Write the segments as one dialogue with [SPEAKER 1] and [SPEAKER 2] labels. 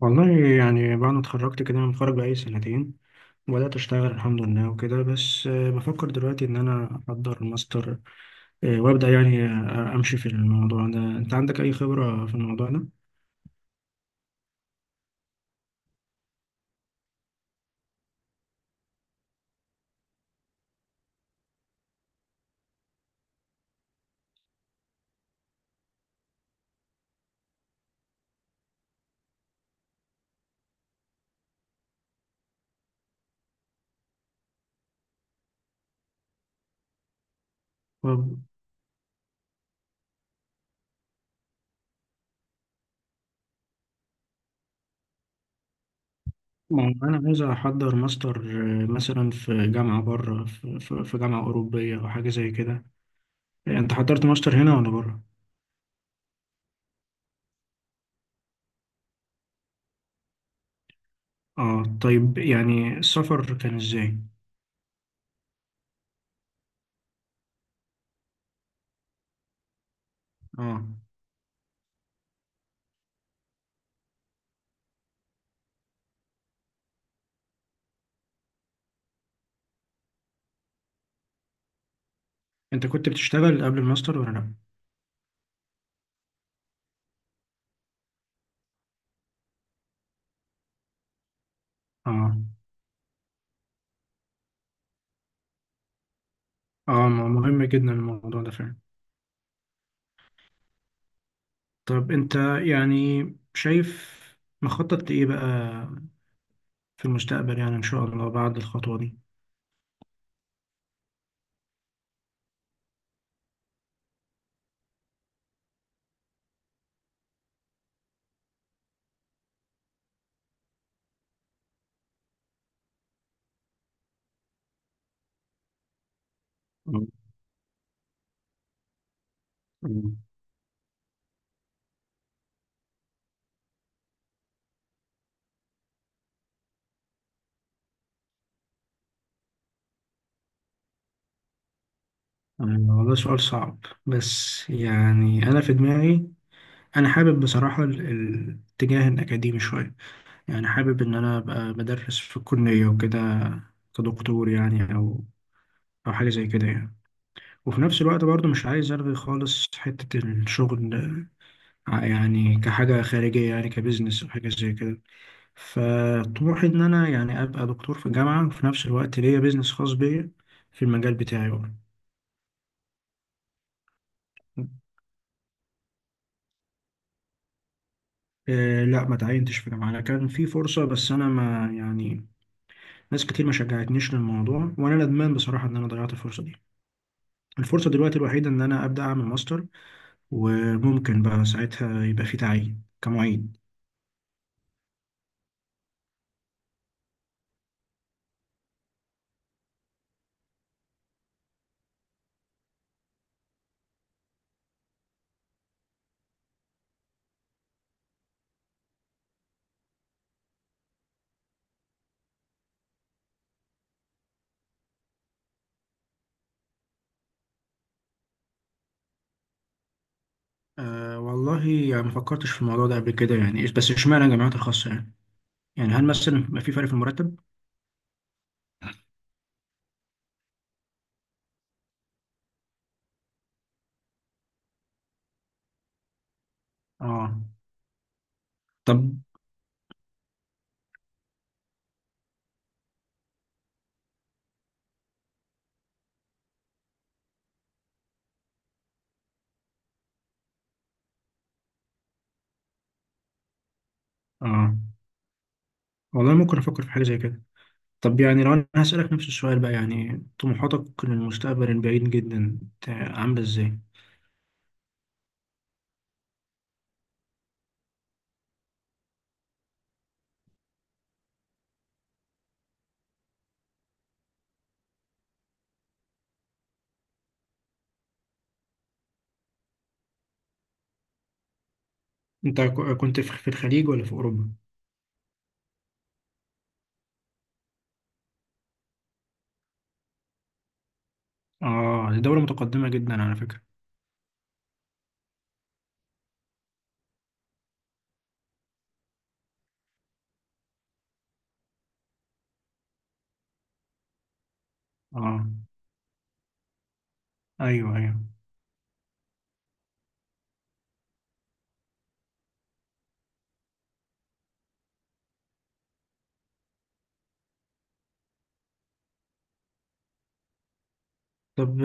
[SPEAKER 1] والله يعني بعد ما اتخرجت كده انا متخرج بقالي سنتين وبدأت اشتغل الحمد لله وكده بس بفكر دلوقتي ان انا احضر ماستر. وابدأ يعني امشي في الموضوع ده. انت عندك اي خبرة في الموضوع ده؟ طب ما هو انا عايز احضر ماستر. مثلا في جامعة بره في جامعة اوروبية او حاجة زي كده. انت حضرت ماستر هنا ولا بره؟ اه، طيب يعني السفر كان ازاي؟ اه، انت كنت بتشتغل قبل الماستر ولا لا؟ اه، اه، مهم جدا الموضوع ده فعلا. طب انت يعني شايف مخطط لإيه بقى في المستقبل يعني إن شاء الله بعد الخطوة دي. مم. مم. آه، والله سؤال صعب. بس يعني أنا في دماغي. أنا حابب بصراحة الاتجاه الأكاديمي شوية. يعني حابب إن أنا أبقى بدرس في الكلية وكده، كدكتور يعني، أو حاجة زي كده يعني. وفي نفس الوقت برضه مش عايز ألغي خالص حتة الشغل. يعني كحاجة خارجية، يعني كبزنس أو حاجة زي كده. فطموحي ان انا يعني ابقى دكتور في الجامعه، وفي نفس الوقت ليا بيزنس خاص بيا في المجال بتاعي بقى. إيه، لا، ما تعينتش في جامعه. انا كان في فرصه بس انا ما يعني. ناس كتير ما شجعتنيش للموضوع وانا ندمان بصراحه ان انا ضيعت الفرصه دي. الفرصه دلوقتي الوحيده ان انا ابدا اعمل ماستر، وممكن بقى ساعتها يبقى في تعيين كمعيد. أه، والله يعني ما فكرتش في الموضوع ده قبل كده يعني، بس اشمعنى الجامعات الخاصه يعني. يعني هل مثلا بيبقى في فرق في المرتب؟ اه. طب. اه. والله ممكن أفكر في حاجة زي كده. طب يعني لو أنا هسألك نفس السؤال بقى، يعني طموحاتك للمستقبل البعيد جدا، عاملة إزاي؟ أنت كنت في الخليج ولا في أوروبا؟ آه، دي دولة متقدمة جدا على فكرة. آه. أيوه، أيوه. طب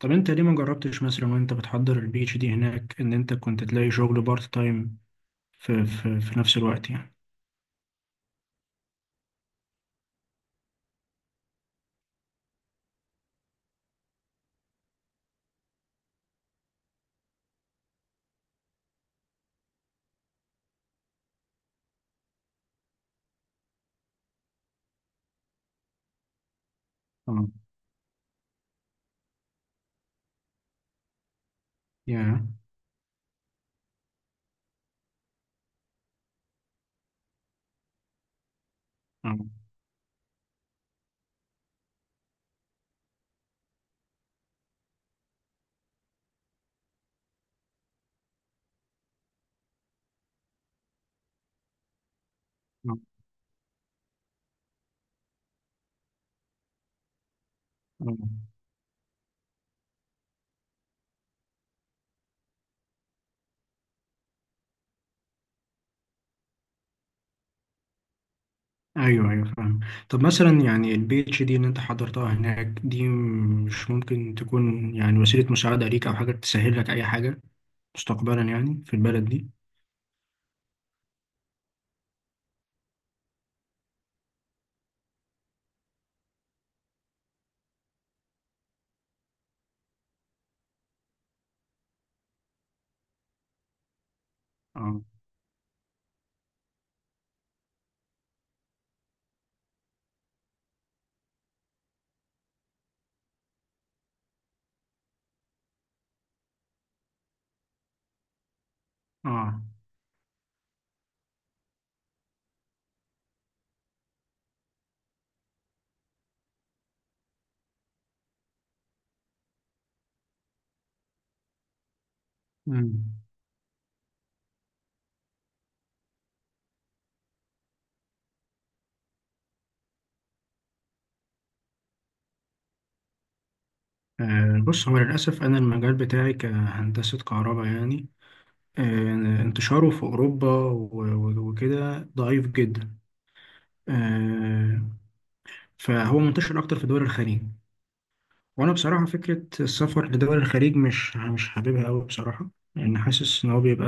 [SPEAKER 1] طب أنت ليه ما جربتش مثلا وأنت بتحضر البي اتش دي هناك، إن أنت كنت تلاقي شغل بارت تايم في في نفس الوقت يعني؟ آه. يا. آه آه آه ايوه، ايوه، فاهم. طب مثلا يعني البي اتش دي اللي انت حضرتها هناك دي مش ممكن تكون يعني وسيله مساعده ليك او حاجه تسهل لك اي حاجه مستقبلا يعني في البلد دي؟ اه. اه. مم. بص، هو للاسف انا المجال بتاعي كهندسه كهرباء يعني. انتشاره في اوروبا وكده ضعيف جدا. آه، فهو منتشر اكتر في دول الخليج. وانا بصراحه فكره السفر لدول الخليج مش حاببها قوي بصراحه. لان حاسس ان هو بيبقى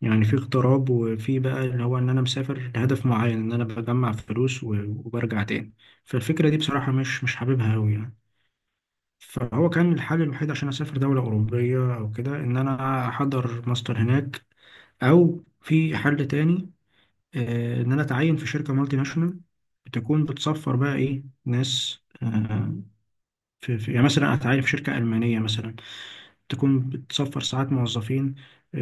[SPEAKER 1] يعني في اغتراب، وفي بقى اللي هو ان انا مسافر لهدف معين ان انا بجمع فلوس وبرجع تاني. فالفكره دي بصراحه مش حاببها قوي يعني. فهو كان الحل الوحيد عشان اسافر دوله اوروبيه او كده ان انا احضر ماستر هناك، او في حل تاني. ان انا اتعين في شركه مالتي ناشونال بتكون بتسفر بقى ايه ناس. يعني مثلا اتعين في شركه المانيه مثلا، تكون بتسفر ساعات موظفين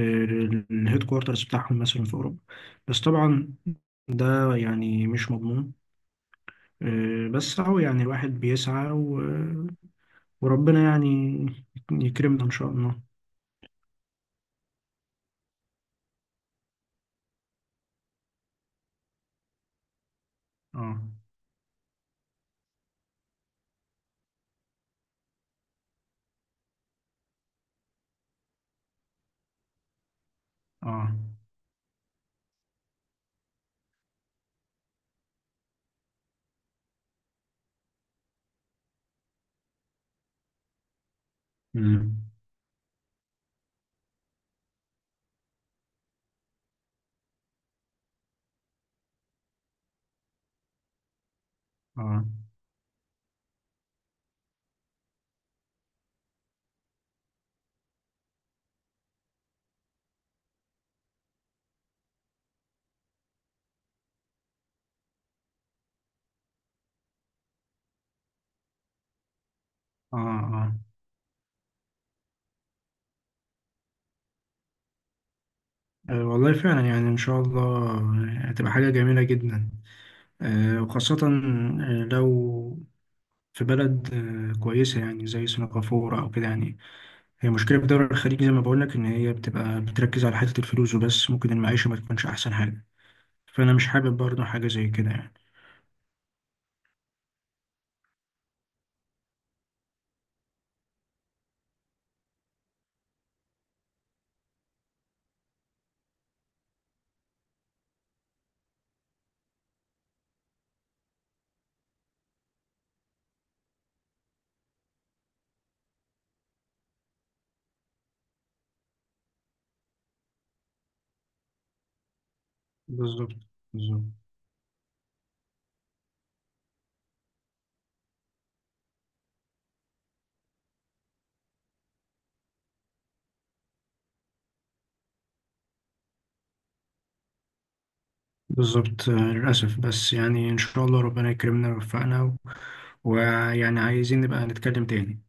[SPEAKER 1] للهيد كوارترز بتاعهم مثلا في أوروبا. بس طبعا ده يعني مش مضمون. بس أهو يعني الواحد بيسعى وربنا يعني يكرمنا إن شاء الله. اه. اه. مم. اه. اه. اه. والله فعلا يعني ان شاء الله هتبقى حاجة جميلة جدا. وخاصة لو في بلد كويسة يعني زي سنغافورة او كده يعني. هي مشكلة في الدول الخليج زي ما بقول لك إن هي بتبقى بتركز على حتة الفلوس وبس، ممكن المعيشة ما تكونش أحسن حاجة. فأنا مش حابب برضه حاجة زي كده يعني. بالظبط، بالظبط، بالظبط. للأسف بس يعني إن شاء الله ربنا يكرمنا ويوفقنا ويعني عايزين نبقى نتكلم تاني.